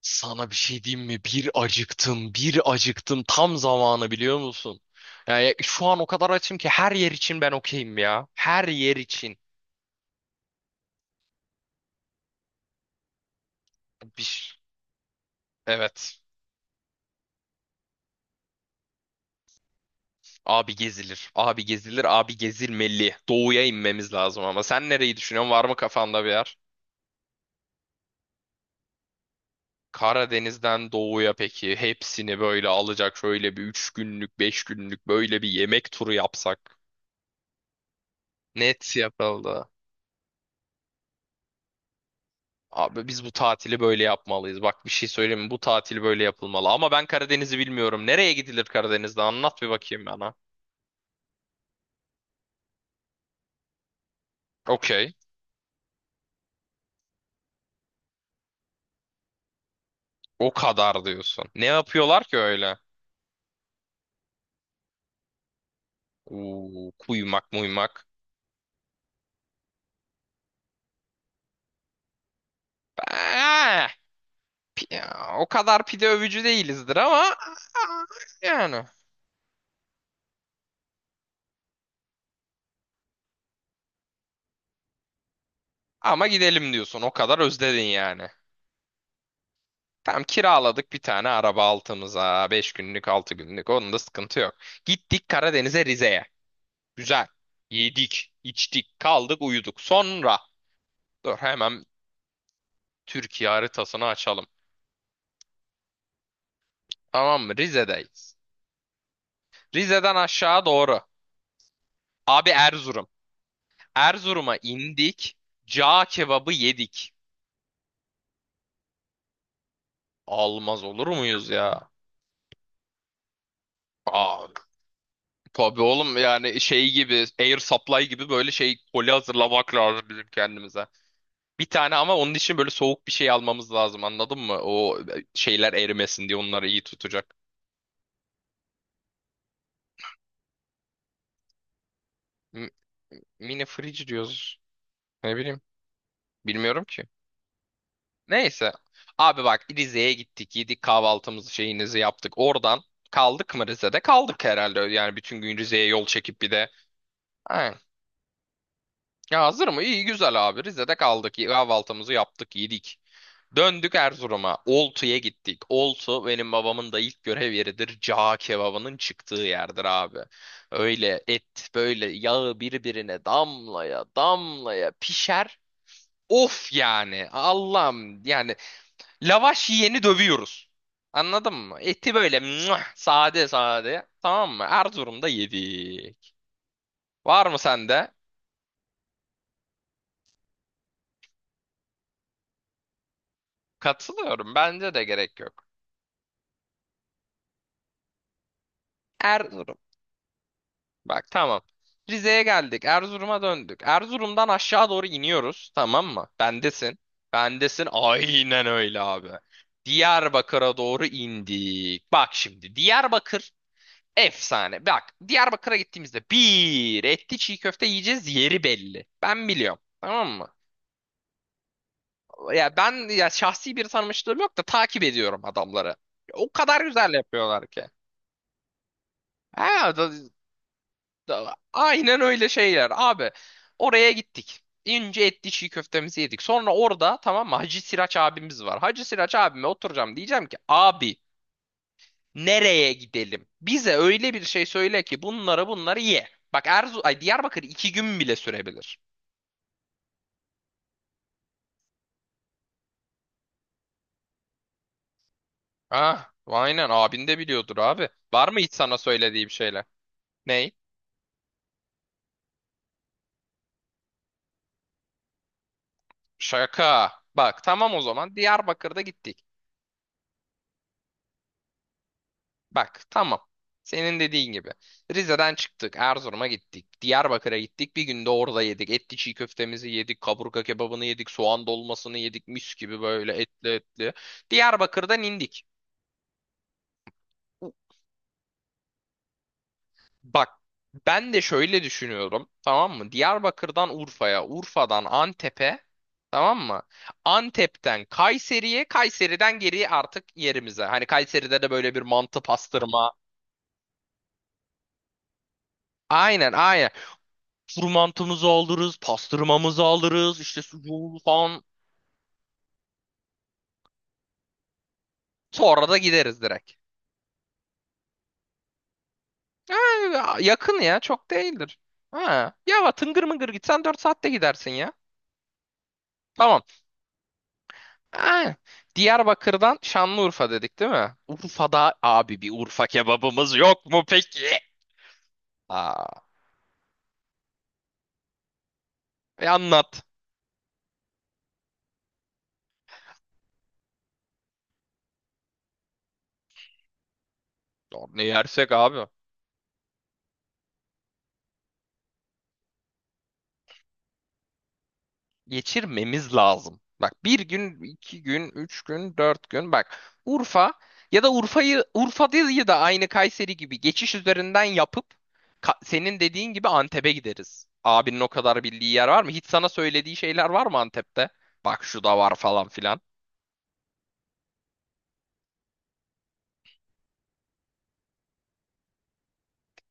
Sana bir şey diyeyim mi? Bir acıktım, bir acıktım. Tam zamanı biliyor musun? Yani şu an o kadar açım ki her yer için ben okeyim ya. Her yer için. Bir, evet. Abi gezilir. Abi gezilir. Abi gezilmeli. Doğuya inmemiz lazım ama. Sen nereyi düşünüyorsun? Var mı kafanda bir yer? Karadeniz'den doğuya peki. Hepsini böyle alacak şöyle bir 3 günlük, 5 günlük böyle bir yemek turu yapsak. Net yapıldı. Abi biz bu tatili böyle yapmalıyız. Bak bir şey söyleyeyim mi? Bu tatili böyle yapılmalı. Ama ben Karadeniz'i bilmiyorum. Nereye gidilir Karadeniz'de? Anlat bir bakayım bana. Okey. O kadar diyorsun. Ne yapıyorlar ki öyle? Uuu, kuymak muymak. Ah, pi- o kadar pide övücü değilizdir ama ah, yani. Ama gidelim diyorsun. O kadar özledin yani. Tam kiraladık bir tane araba altımıza. 5 günlük 6 günlük. Onun da sıkıntı yok. Gittik Karadeniz'e Rize'ye. Güzel. Yedik, içtik, kaldık, uyuduk. Sonra dur hemen Türkiye haritasını açalım. Tamam mı? Rize'deyiz. Rize'den aşağı doğru. Abi Erzurum. Erzurum'a indik. Cağ kebabı yedik. Almaz olur muyuz ya? Aa, tabii oğlum yani şey gibi air supply gibi böyle şey koli hazırlamak lazım bizim kendimize. Bir tane ama onun için böyle soğuk bir şey almamız lazım anladın mı? O şeyler erimesin diye onları iyi tutacak. M- Mini fridge diyoruz. Ne bileyim. Bilmiyorum ki. Neyse. Abi bak Rize'ye gittik. Yedik kahvaltımızı şeyinizi yaptık. Oradan kaldık mı Rize'de? Kaldık herhalde. Yani bütün gün Rize'ye yol çekip bir de. Ha. Ya hazır mı? İyi güzel abi. Rize'de kaldık. Kahvaltımızı yaptık. Yedik. Döndük Erzurum'a. Oltu'ya gittik. Oltu benim babamın da ilk görev yeridir. Cağ kebabının çıktığı yerdir abi. Öyle et böyle yağı birbirine damlaya damlaya pişer. Of yani Allah'ım yani lavaş yiyeni dövüyoruz. Anladın mı? Eti böyle muah, sade sade. Tamam mı? Erzurum'da yedik. Var mı sende? Katılıyorum. Bence de gerek yok. Erzurum. Bak tamam. Rize'ye geldik. Erzurum'a döndük. Erzurum'dan aşağı doğru iniyoruz. Tamam mı? Bendesin. Bendesin. Aynen öyle abi. Diyarbakır'a doğru indik. Bak şimdi Diyarbakır efsane. Bak Diyarbakır'a gittiğimizde bir etli çiğ köfte yiyeceğiz yeri belli. Ben biliyorum. Tamam mı? Ya ben ya şahsi bir tanımışlığım yok da takip ediyorum adamları. O kadar güzel yapıyorlar ki. Ha, aynen öyle şeyler abi. Oraya gittik. İnce etli çiğ köftemizi yedik. Sonra orada tamam mı Hacı Siraç abimiz var. Hacı Siraç abime oturacağım diyeceğim ki abi nereye gidelim? Bize öyle bir şey söyle ki bunlara bunları ye. Bak Erzu ay Diyarbakır 2 gün bile sürebilir. Ah, aynen abin de biliyordur abi. Var mı hiç sana söylediği bir şeyler? Ney? Şaka. Bak tamam o zaman Diyarbakır'da gittik. Bak tamam. Senin dediğin gibi. Rize'den çıktık, Erzurum'a gittik. Diyarbakır'a gittik. Bir günde orada yedik. Etli çiğ köftemizi yedik, kaburga kebabını yedik, soğan dolmasını yedik. Mis gibi böyle etli etli. Diyarbakır'dan indik. Bak ben de şöyle düşünüyorum tamam mı? Diyarbakır'dan Urfa'ya, Urfa'dan Antep'e tamam mı? Antep'ten Kayseri'ye, Kayseri'den geriye artık yerimize. Hani Kayseri'de de böyle bir mantı pastırma. Aynen aynen. Kuru mantımızı alırız, pastırmamızı alırız, işte sucuğu falan. Sonra da gideriz direkt. Ha, yakın ya çok değildir. Ha, ya tıngır mıngır gitsen 4 saatte gidersin ya. Tamam. Aynen. Diyarbakır'dan Şanlıurfa dedik değil mi? Urfa'da abi bir Urfa kebabımız yok mu peki? Aa, e anlat. Ya, ne yersek abi? Geçirmemiz lazım. Bak bir gün, 2 gün, 3 gün, 4 gün. Bak Urfa ya da Urfa'yı Urfa değil de aynı Kayseri gibi geçiş üzerinden yapıp senin dediğin gibi Antep'e gideriz. Abinin o kadar bildiği yer var mı? Hiç sana söylediği şeyler var mı Antep'te? Bak şu da var falan filan.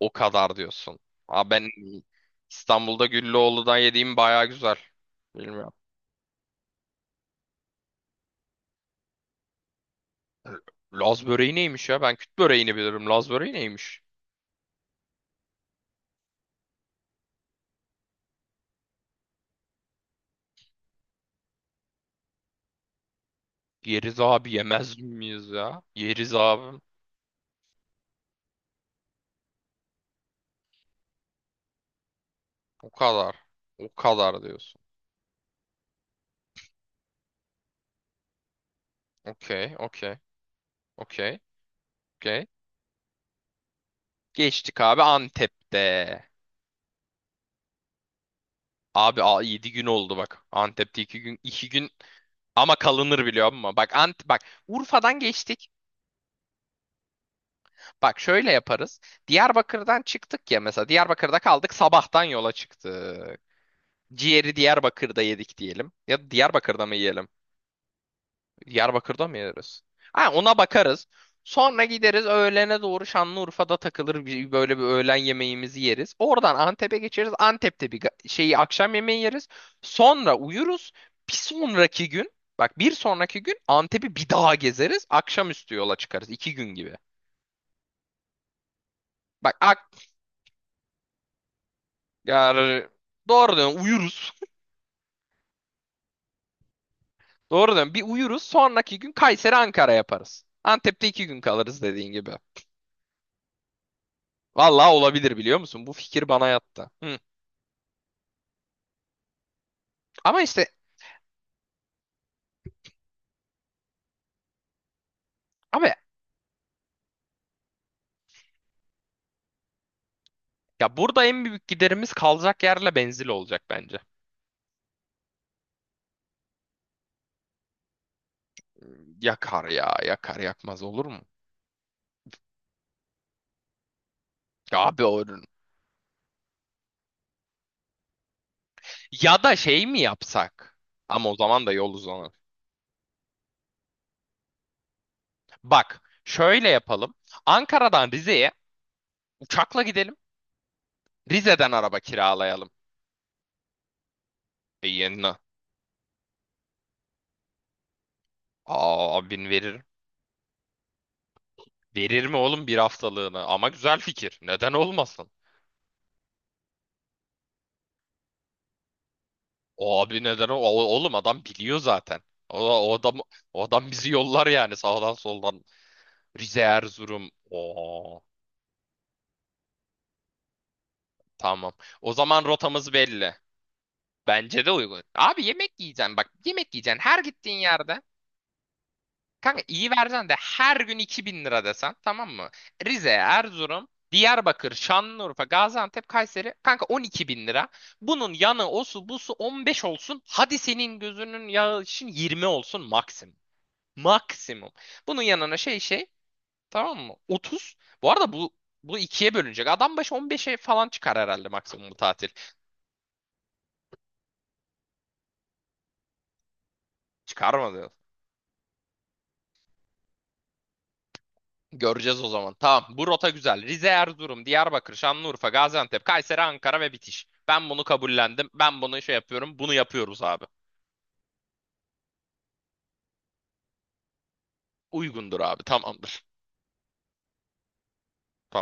O kadar diyorsun. Aa ben İstanbul'da Güllüoğlu'dan yediğim baya güzel. Bilmiyorum. Laz böreği neymiş ya? Ben küt böreğini bilirim. Laz böreği neymiş? Yeriz abi yemez miyiz ya? Yeriz abi. O kadar. O kadar diyorsun. Okey, okey, okey, okey. Geçtik abi Antep'te. Abi a, 7 gün oldu bak. Antep'te 2 gün 2 gün ama kalınır biliyor musun? Bak Urfa'dan geçtik. Bak şöyle yaparız. Diyarbakır'dan çıktık ya mesela. Diyarbakır'da kaldık, sabahtan yola çıktık. Ciğeri Diyarbakır'da yedik diyelim. Ya da Diyarbakır'da mı yiyelim? Diyarbakır'da mı yeriz? Ha, ona bakarız. Sonra gideriz öğlene doğru Şanlıurfa'da takılır böyle bir öğlen yemeğimizi yeriz. Oradan Antep'e geçeriz. Antep'te bir şeyi akşam yemeği yeriz. Sonra uyuruz. Bir sonraki gün bak bir sonraki gün Antep'i bir daha gezeriz. Akşamüstü yola çıkarız. 2 gün gibi. Bak yani doğru diyorsun uyuruz. Doğru diyorsun bir uyuruz sonraki gün Kayseri Ankara yaparız. Antep'te 2 gün kalırız dediğin gibi. Vallahi olabilir biliyor musun? Bu fikir bana yattı. Hı. Ama işte abi ya burada en büyük giderimiz kalacak yerle benzin olacak bence. Yakar ya yakar yakmaz olur mu? Ya abi o ya da şey mi yapsak? Ama o zaman da yol uzanır. Bak şöyle yapalım. Ankara'dan Rize'ye uçakla gidelim. Rize'den araba kiralayalım. E, yeni. Aa abin verir. Verir mi oğlum bir haftalığını? Ama güzel fikir. Neden olmasın? O abi neden oğlum adam biliyor zaten. O, o adam o adam bizi yollar yani sağdan soldan. Rize Erzurum. Oo tamam. O zaman rotamız belli. Bence de uygun. Abi yemek yiyeceksin bak. Yemek yiyeceksin her gittiğin yerde. Kanka iyi versen de her gün 2.000 lira desen tamam mı? Rize, Erzurum, Diyarbakır, Şanlıurfa, Gaziantep, Kayseri kanka 12.000 lira. Bunun yanı osu busu 15 olsun. Hadi senin gözünün yağı için 20 olsun maksimum. Maksimum. Bunun yanına şey tamam mı? 30. Bu arada bu ikiye bölünecek. Adam başı 15'e falan çıkar herhalde maksimum bu tatil. Çıkarmadı. Göreceğiz o zaman. Tamam. Bu rota güzel. Rize, Erzurum, Diyarbakır, Şanlıurfa, Gaziantep, Kayseri, Ankara ve bitiş. Ben bunu kabullendim. Ben bunu şey yapıyorum. Bunu yapıyoruz abi. Uygundur abi. Tamamdır. Tamam.